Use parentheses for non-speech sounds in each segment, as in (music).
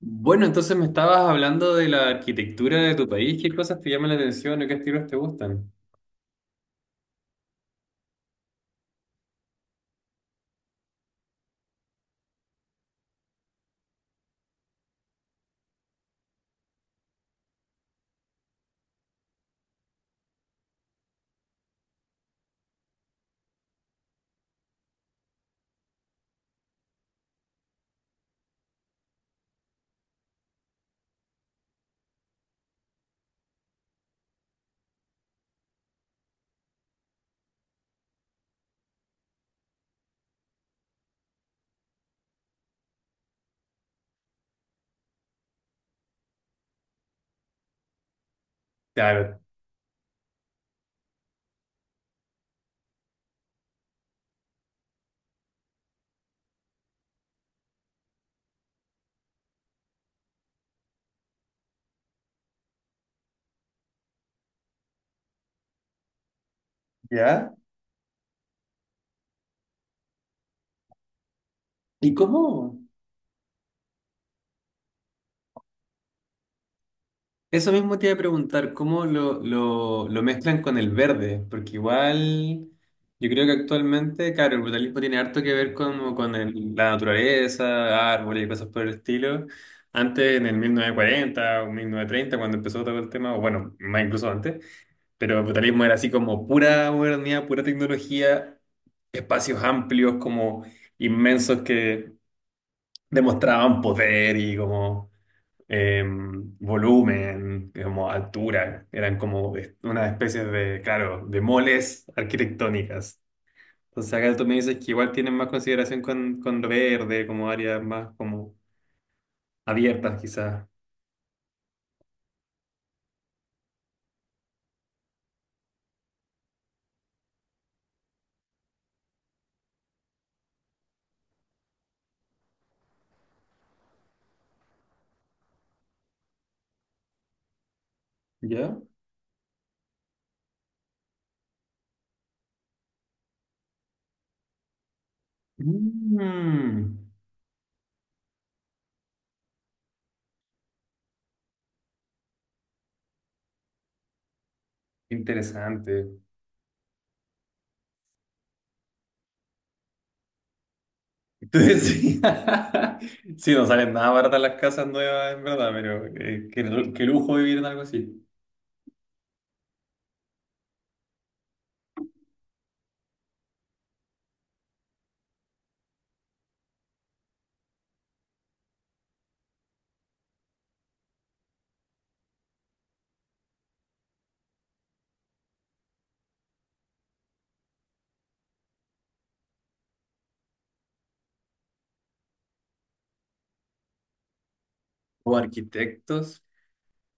Bueno, entonces me estabas hablando de la arquitectura de tu país, qué cosas te llaman la atención o qué estilos te gustan. Claro. ¿Ya? ¿Y cómo? Eso mismo te iba a preguntar, ¿cómo lo mezclan con el verde? Porque igual yo creo que actualmente, claro, el brutalismo tiene harto que ver con, la naturaleza, árboles y cosas por el estilo. Antes, en el 1940 o 1930, cuando empezó todo el tema, o bueno, más incluso antes, pero el brutalismo era así como pura modernidad, pura tecnología, espacios amplios, como inmensos que demostraban poder y como volumen, como altura. Eran como una especie de, claro, de moles arquitectónicas. Entonces acá tú me dices que igual tienen más consideración con lo verde, como áreas más como abiertas quizás. ¿Ya? Mm, interesante. Entonces, sí, (laughs) sí, no salen nada baratas las casas nuevas, en verdad, pero qué, qué lujo vivir en algo así. O arquitectos.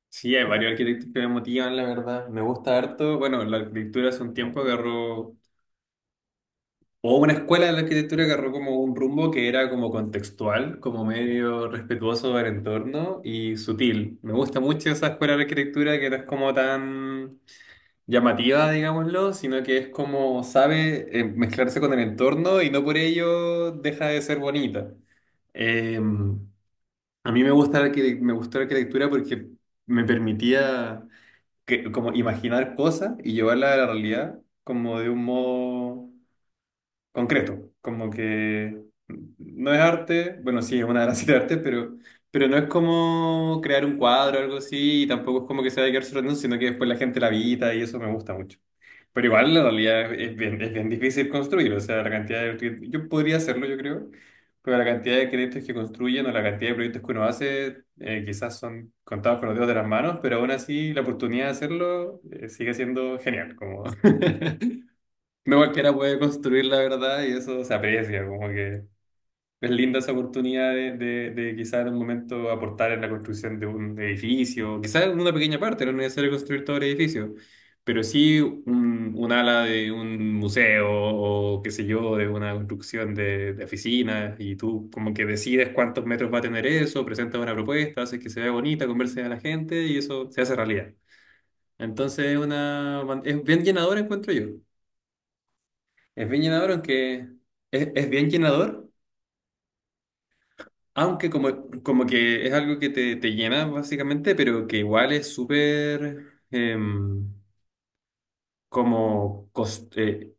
Sí, hay varios arquitectos que me motivan, la verdad. Me gusta harto. Bueno, la arquitectura hace un tiempo agarró, o una escuela de la arquitectura agarró como un rumbo que era como contextual, como medio respetuoso del entorno y sutil. Me gusta mucho esa escuela de arquitectura que no es como tan llamativa, digámoslo, sino que es como sabe mezclarse con el entorno y no por ello deja de ser bonita. Eh, a mí me gusta me gustó la arquitectura porque me permitía como imaginar cosas y llevarlas a la realidad como de un modo concreto, como que no es arte, bueno, sí, es una de las (laughs) de arte, pero no es como crear un cuadro o algo así, y tampoco es como que se vaya a quedar solo en eso, sino que después la gente la habita y eso me gusta mucho. Pero igual la realidad es bien difícil construir, o sea, la cantidad de yo podría hacerlo, yo creo, pero la cantidad de créditos que construyen o la cantidad de proyectos que uno hace quizás son contados con los dedos de las manos, pero aún así la oportunidad de hacerlo sigue siendo genial, como (laughs) no cualquiera puede construir la verdad y eso se aprecia, como que... Es linda esa oportunidad de quizás en un momento aportar en la construcción de un edificio, quizás en una pequeña parte, no es necesario construir todo el edificio, pero sí un ala de un museo o qué sé yo, de una construcción de oficinas y tú como que decides cuántos metros va a tener eso, presentas una propuesta, haces que se vea bonita, converses a la gente y eso se hace realidad. Entonces es una, es bien llenador encuentro yo. Es bien llenador aunque es, es bien llenador. Aunque como, como que es algo que te llena básicamente, pero que igual es súper como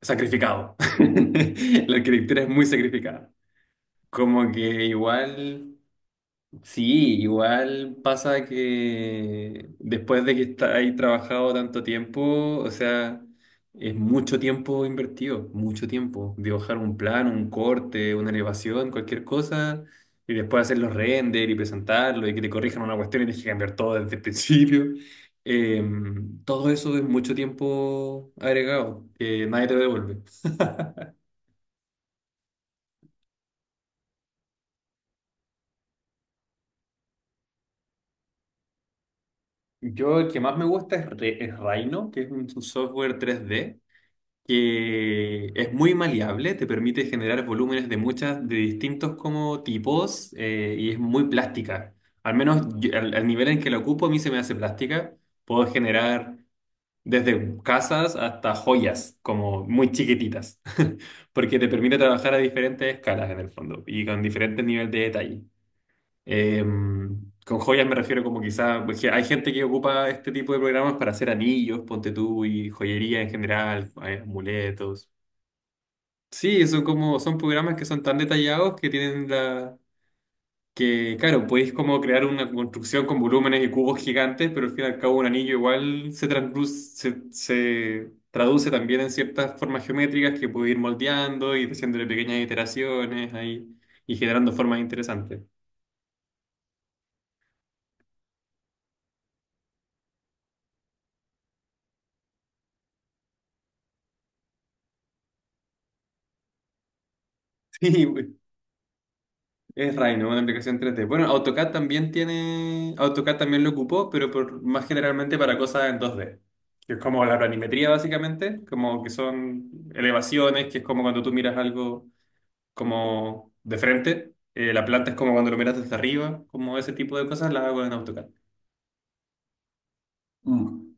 sacrificado. (laughs) La arquitectura es muy sacrificada. Como que igual... Sí, igual pasa que después de que está ahí trabajado tanto tiempo, o sea, es mucho tiempo invertido, mucho tiempo. Dibujar un plan, un corte, una elevación, cualquier cosa, y después hacer los render y presentarlo y que te corrijan una cuestión y tienes que cambiar todo desde el (laughs) principio. Eh, todo eso es mucho tiempo agregado, que nadie te lo devuelve. (laughs) Yo el que más me gusta es, es Rhino, que es un software 3D que es muy maleable, te permite generar volúmenes de muchas, de distintos como tipos y es muy plástica. Al menos al, al nivel en que la ocupo, a mí se me hace plástica. Puedo generar desde casas hasta joyas, como muy chiquititas, (laughs) porque te permite trabajar a diferentes escalas en el fondo y con diferentes niveles de detalle. Eh, con joyas me refiero como quizá, pues, que hay gente que ocupa este tipo de programas para hacer anillos, ponte tú, y joyería en general, amuletos. Sí, son como, son programas que son tan detallados que tienen la, que claro, podéis como crear una construcción con volúmenes y cubos gigantes, pero al fin y al cabo un anillo igual se, se traduce también en ciertas formas geométricas que podéis ir moldeando y haciéndole pequeñas iteraciones ahí y generando formas interesantes. (laughs) Sí, es Rhino, una aplicación 3D. Bueno, AutoCAD también tiene. AutoCAD también lo ocupó, pero por, más generalmente para cosas en 2D. Que es como la planimetría, básicamente. Como que son elevaciones, que es como cuando tú miras algo como de frente. La planta es como cuando lo miras desde arriba. Como ese tipo de cosas las hago en AutoCAD. Mm.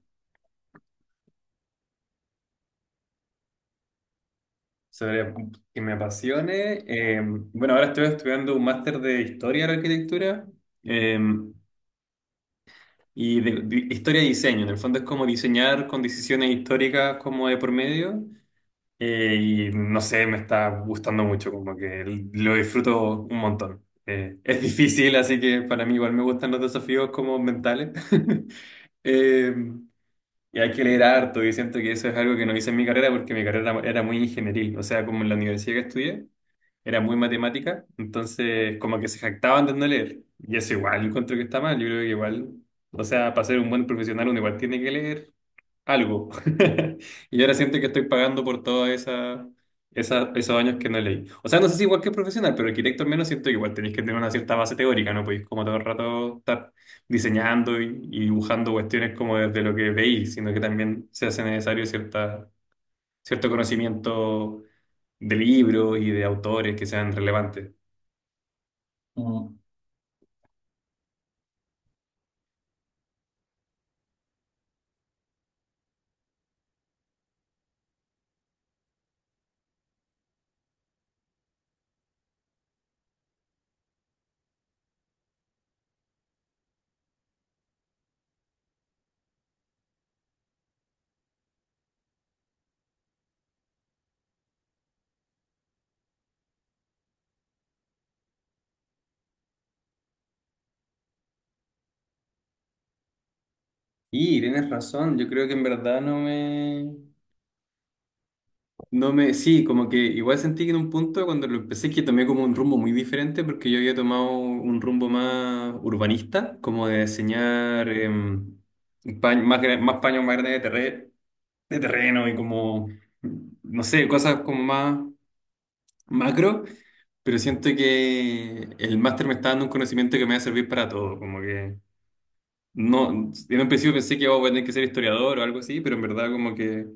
Sobre que me apasione. Bueno, ahora estoy estudiando un máster de historia de la arquitectura. eh, Y de historia y diseño, en el fondo es como diseñar con decisiones históricas como de por medio. Y no sé, me está gustando mucho, como que lo disfruto un montón. Es (laughs) difícil, así que para mí igual me gustan los desafíos como mentales. (laughs) Eh, y hay que leer harto, y siento que eso es algo que no hice en mi carrera porque mi carrera era muy ingenieril, o sea, como en la universidad que estudié, era muy matemática, entonces como que se jactaban de no leer. Y eso igual encuentro que está mal, yo creo que igual, o sea, para ser un buen profesional uno igual tiene que leer, algo. (laughs) Y ahora siento que estoy pagando por todos esa, esos años que no leí. O sea, no sé si igual que profesional, pero arquitecto al menos siento que igual tenéis que tener una cierta base teórica, ¿no? Podéis como todo el rato estar diseñando y dibujando cuestiones como desde lo que veis, sino que también se hace necesario cierta, cierto conocimiento de libros y de autores que sean relevantes. Mm. Y tienes razón, yo creo que en verdad no me... no me, sí, como que igual sentí que en un punto cuando lo empecé que tomé como un rumbo muy diferente porque yo había tomado un rumbo más urbanista, como de diseñar más, más paños más grandes de, de terreno y como, no sé, cosas como más macro, pero siento que el máster me está dando un conocimiento que me va a servir para todo, como que no, en un principio pensé que oh, voy a tener que ser historiador o algo así, pero en verdad como que...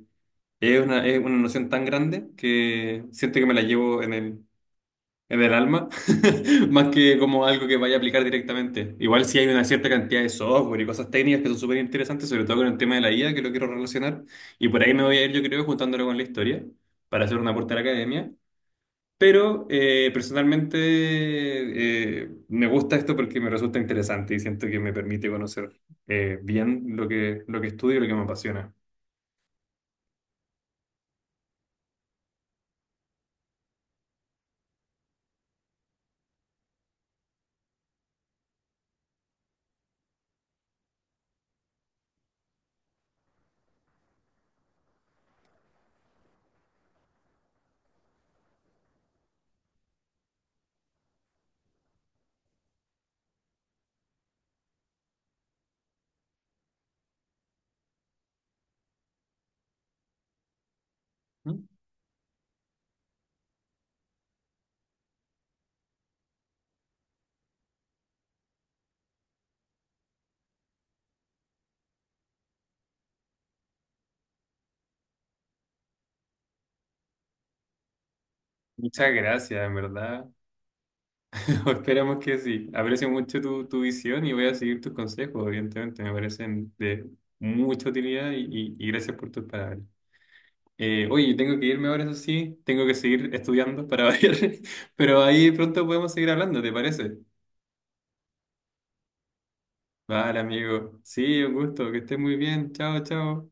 es una, es una noción tan grande que siento que me la llevo en el alma, (laughs) más que como algo que vaya a aplicar directamente. Igual si hay una cierta cantidad de software y cosas técnicas que son súper interesantes, sobre todo con el tema de la IA, que lo quiero relacionar, y por ahí me voy a ir, yo creo, juntándolo con la historia, para hacer un aporte a la academia. Pero personalmente me gusta esto porque me resulta interesante y siento que me permite conocer bien lo que estudio y lo que me apasiona. ¿Mm? Muchas gracias, en verdad. (laughs) Esperamos que sí. Aprecio mucho tu, tu visión y voy a seguir tus consejos, evidentemente. Me parecen de mucha utilidad y, y gracias por tus palabras. Oye, tengo que irme ahora, eso sí. Tengo que seguir estudiando para (laughs) variar. Pero ahí pronto podemos seguir hablando, ¿te parece? Vale, amigo. Sí, un gusto. Que estés muy bien. Chao, chao.